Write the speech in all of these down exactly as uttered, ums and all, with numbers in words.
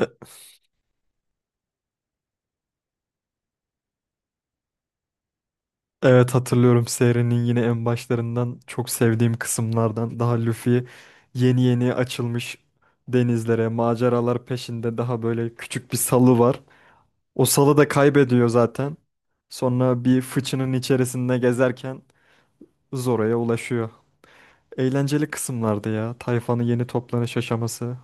E- Evet, hatırlıyorum. Serinin yine en başlarından, çok sevdiğim kısımlardan. Daha Luffy yeni yeni açılmış denizlere, maceralar peşinde, daha böyle küçük bir salı var. O salı da kaybediyor zaten. Sonra bir fıçının içerisinde gezerken Zoro'ya ulaşıyor. Eğlenceli kısımlardı ya. Tayfanın yeni toplanış aşaması.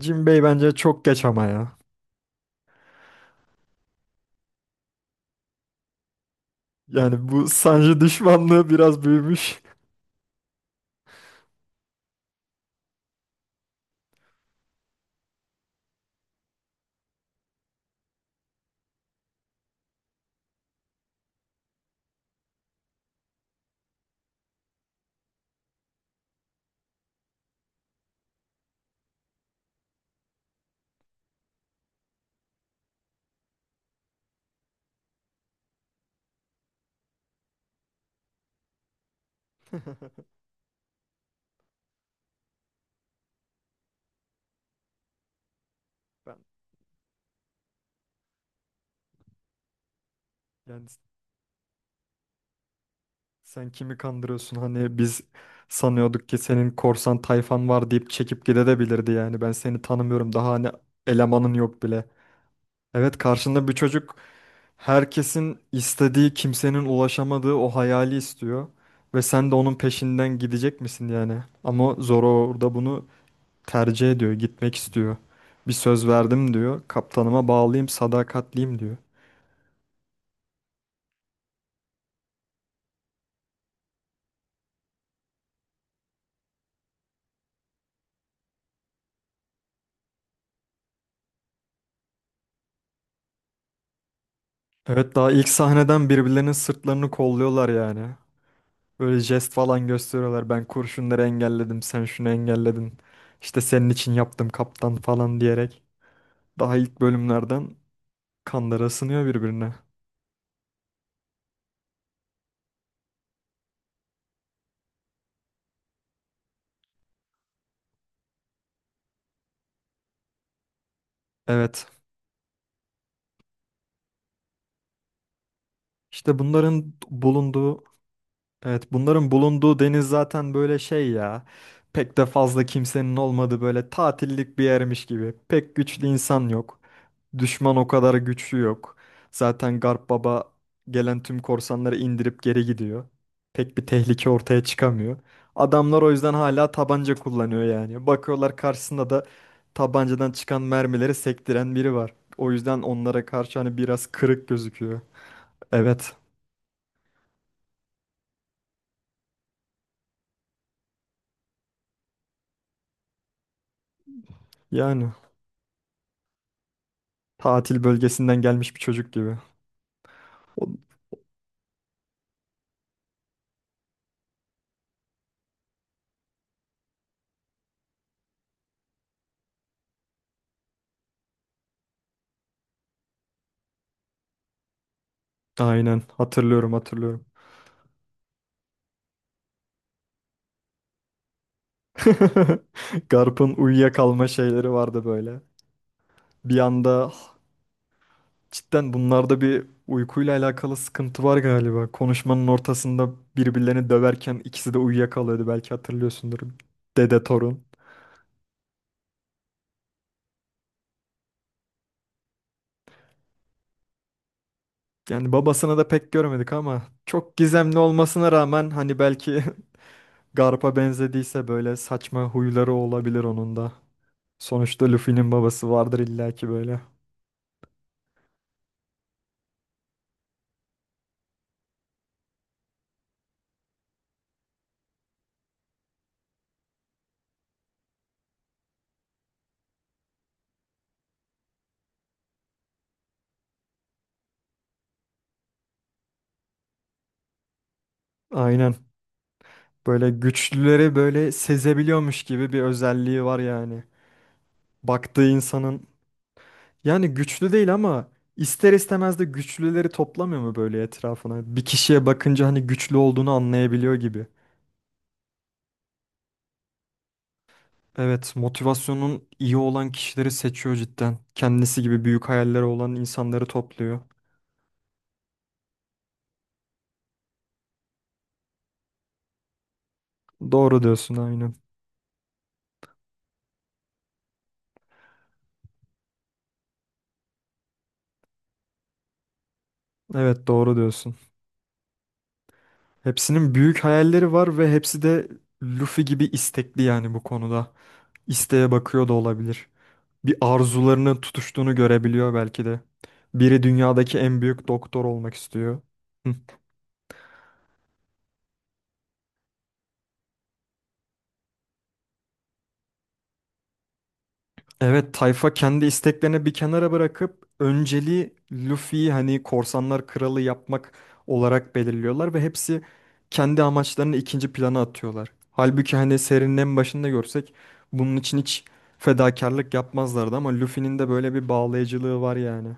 Jinbei bence çok geç ama ya. Yani bu Sanji düşmanlığı biraz büyümüş. Ben yani Sen kimi kandırıyorsun? Hani biz sanıyorduk ki senin korsan tayfan var deyip çekip gidebilirdi yani. Ben seni tanımıyorum. Daha hani elemanın yok bile. Evet, karşında bir çocuk herkesin istediği, kimsenin ulaşamadığı o hayali istiyor. Ve sen de onun peşinden gidecek misin yani? Ama Zoro orada bunu tercih ediyor, gitmek istiyor. Bir söz verdim diyor. Kaptanıma bağlıyım, sadakatliyim diyor. Evet, daha ilk sahneden birbirlerinin sırtlarını kolluyorlar yani. Böyle jest falan gösteriyorlar. Ben kurşunları engelledim, sen şunu engelledin. İşte senin için yaptım kaptan falan diyerek. Daha ilk bölümlerden kanları ısınıyor birbirine. Evet. İşte bunların bulunduğu Evet, bunların bulunduğu deniz zaten böyle şey ya. Pek de fazla kimsenin olmadığı, böyle tatillik bir yermiş gibi. Pek güçlü insan yok. Düşman o kadar güçlü yok. Zaten Garp Baba gelen tüm korsanları indirip geri gidiyor. Pek bir tehlike ortaya çıkamıyor. Adamlar o yüzden hala tabanca kullanıyor yani. Bakıyorlar, karşısında da tabancadan çıkan mermileri sektiren biri var. O yüzden onlara karşı hani biraz kırık gözüküyor. Evet, yani. Tatil bölgesinden gelmiş bir çocuk gibi. O- Aynen, hatırlıyorum hatırlıyorum. Garp'ın uyuyakalma şeyleri vardı böyle. Bir anda, cidden bunlarda bir uykuyla alakalı sıkıntı var galiba. Konuşmanın ortasında birbirlerini döverken ikisi de uyuyakalıyordu, belki hatırlıyorsundur. Dede torun. Yani babasını da pek görmedik ama çok gizemli olmasına rağmen hani belki Garp'a benzediyse böyle saçma huyları olabilir onun da. Sonuçta Luffy'nin babası vardır illaki böyle. Aynen. Böyle güçlüleri böyle sezebiliyormuş gibi bir özelliği var yani. Baktığı insanın yani güçlü değil ama ister istemez de güçlüleri toplamıyor mu böyle etrafına? Bir kişiye bakınca hani güçlü olduğunu anlayabiliyor gibi. Evet, motivasyonun iyi olan kişileri seçiyor cidden. Kendisi gibi büyük hayalleri olan insanları topluyor. Doğru diyorsun, aynen. Evet, doğru diyorsun. Hepsinin büyük hayalleri var ve hepsi de Luffy gibi istekli yani bu konuda. İsteğe bakıyor da olabilir. Bir arzularının tutuştuğunu görebiliyor belki de. Biri dünyadaki en büyük doktor olmak istiyor. Hı. Evet, tayfa kendi isteklerini bir kenara bırakıp önceliği Luffy'yi hani korsanlar kralı yapmak olarak belirliyorlar ve hepsi kendi amaçlarını ikinci plana atıyorlar. Halbuki hani serinin en başında görsek bunun için hiç fedakarlık yapmazlardı ama Luffy'nin de böyle bir bağlayıcılığı var yani.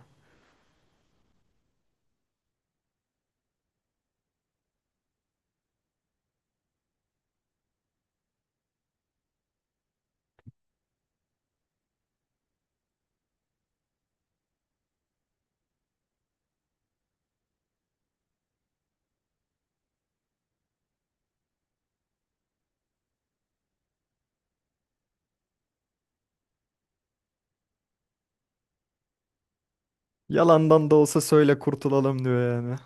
Yalandan da olsa söyle kurtulalım diyor yani.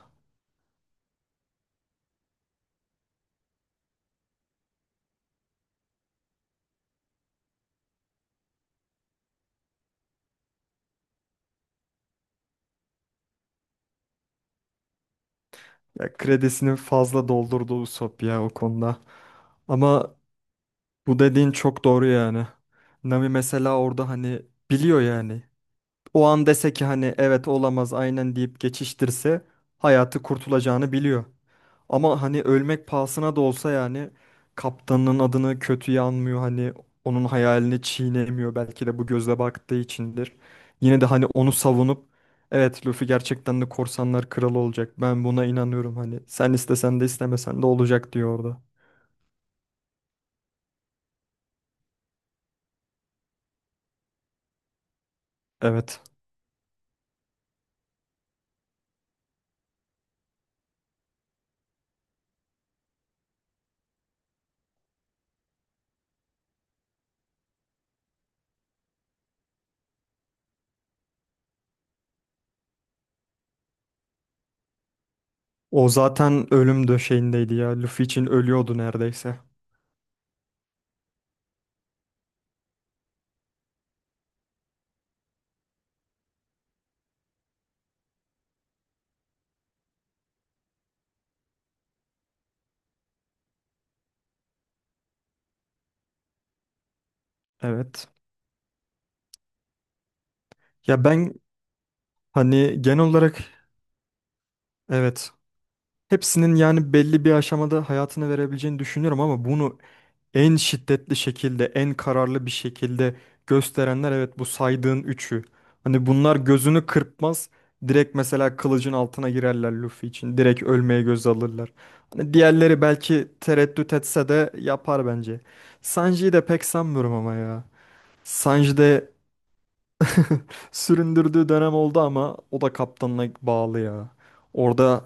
Ya, kredisini fazla doldurdu Usopp ya o konuda. Ama bu dediğin çok doğru yani. Nami mesela orada hani biliyor yani. O an dese ki hani evet olamaz aynen deyip geçiştirse hayatı kurtulacağını biliyor. Ama hani ölmek pahasına da olsa yani kaptanın adını kötüye anmıyor, hani onun hayalini çiğnemiyor, belki de bu gözle baktığı içindir. Yine de hani onu savunup evet Luffy gerçekten de korsanlar kralı olacak, ben buna inanıyorum, hani sen istesen de istemesen de olacak diyor orada. Evet, o zaten ölüm döşeğindeydi ya, Luffy için ölüyordu neredeyse. Evet ya, ben hani genel olarak, evet, hepsinin yani belli bir aşamada hayatını verebileceğini düşünüyorum ama bunu en şiddetli şekilde, en kararlı bir şekilde gösterenler evet bu saydığın üçü. Hani bunlar gözünü kırpmaz. Direkt mesela kılıcın altına girerler Luffy için. Direkt ölmeye göz alırlar. Hani diğerleri belki tereddüt etse de yapar bence. Sanji'yi de pek sanmıyorum ama ya. Sanji de süründürdüğü dönem oldu ama o da kaptanına bağlı ya. Orada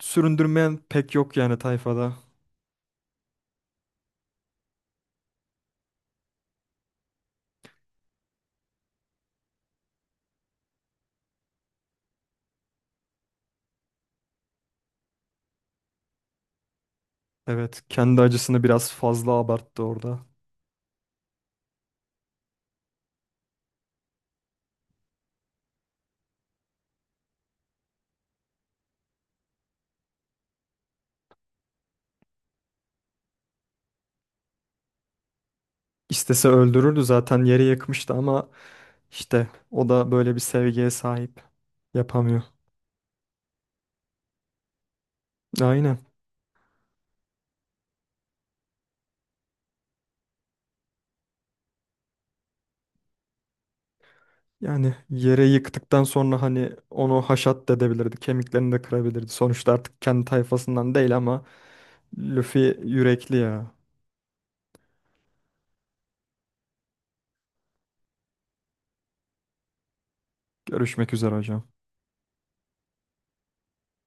süründürmeyen pek yok yani tayfada. Evet, kendi acısını biraz fazla abarttı orada. İstese öldürürdü, zaten yere yakmıştı ama işte o da böyle bir sevgiye sahip, yapamıyor. Aynen. Yani yere yıktıktan sonra hani onu haşat da edebilirdi. Kemiklerini de kırabilirdi. Sonuçta artık kendi tayfasından değil ama Luffy yürekli ya. Görüşmek üzere hocam.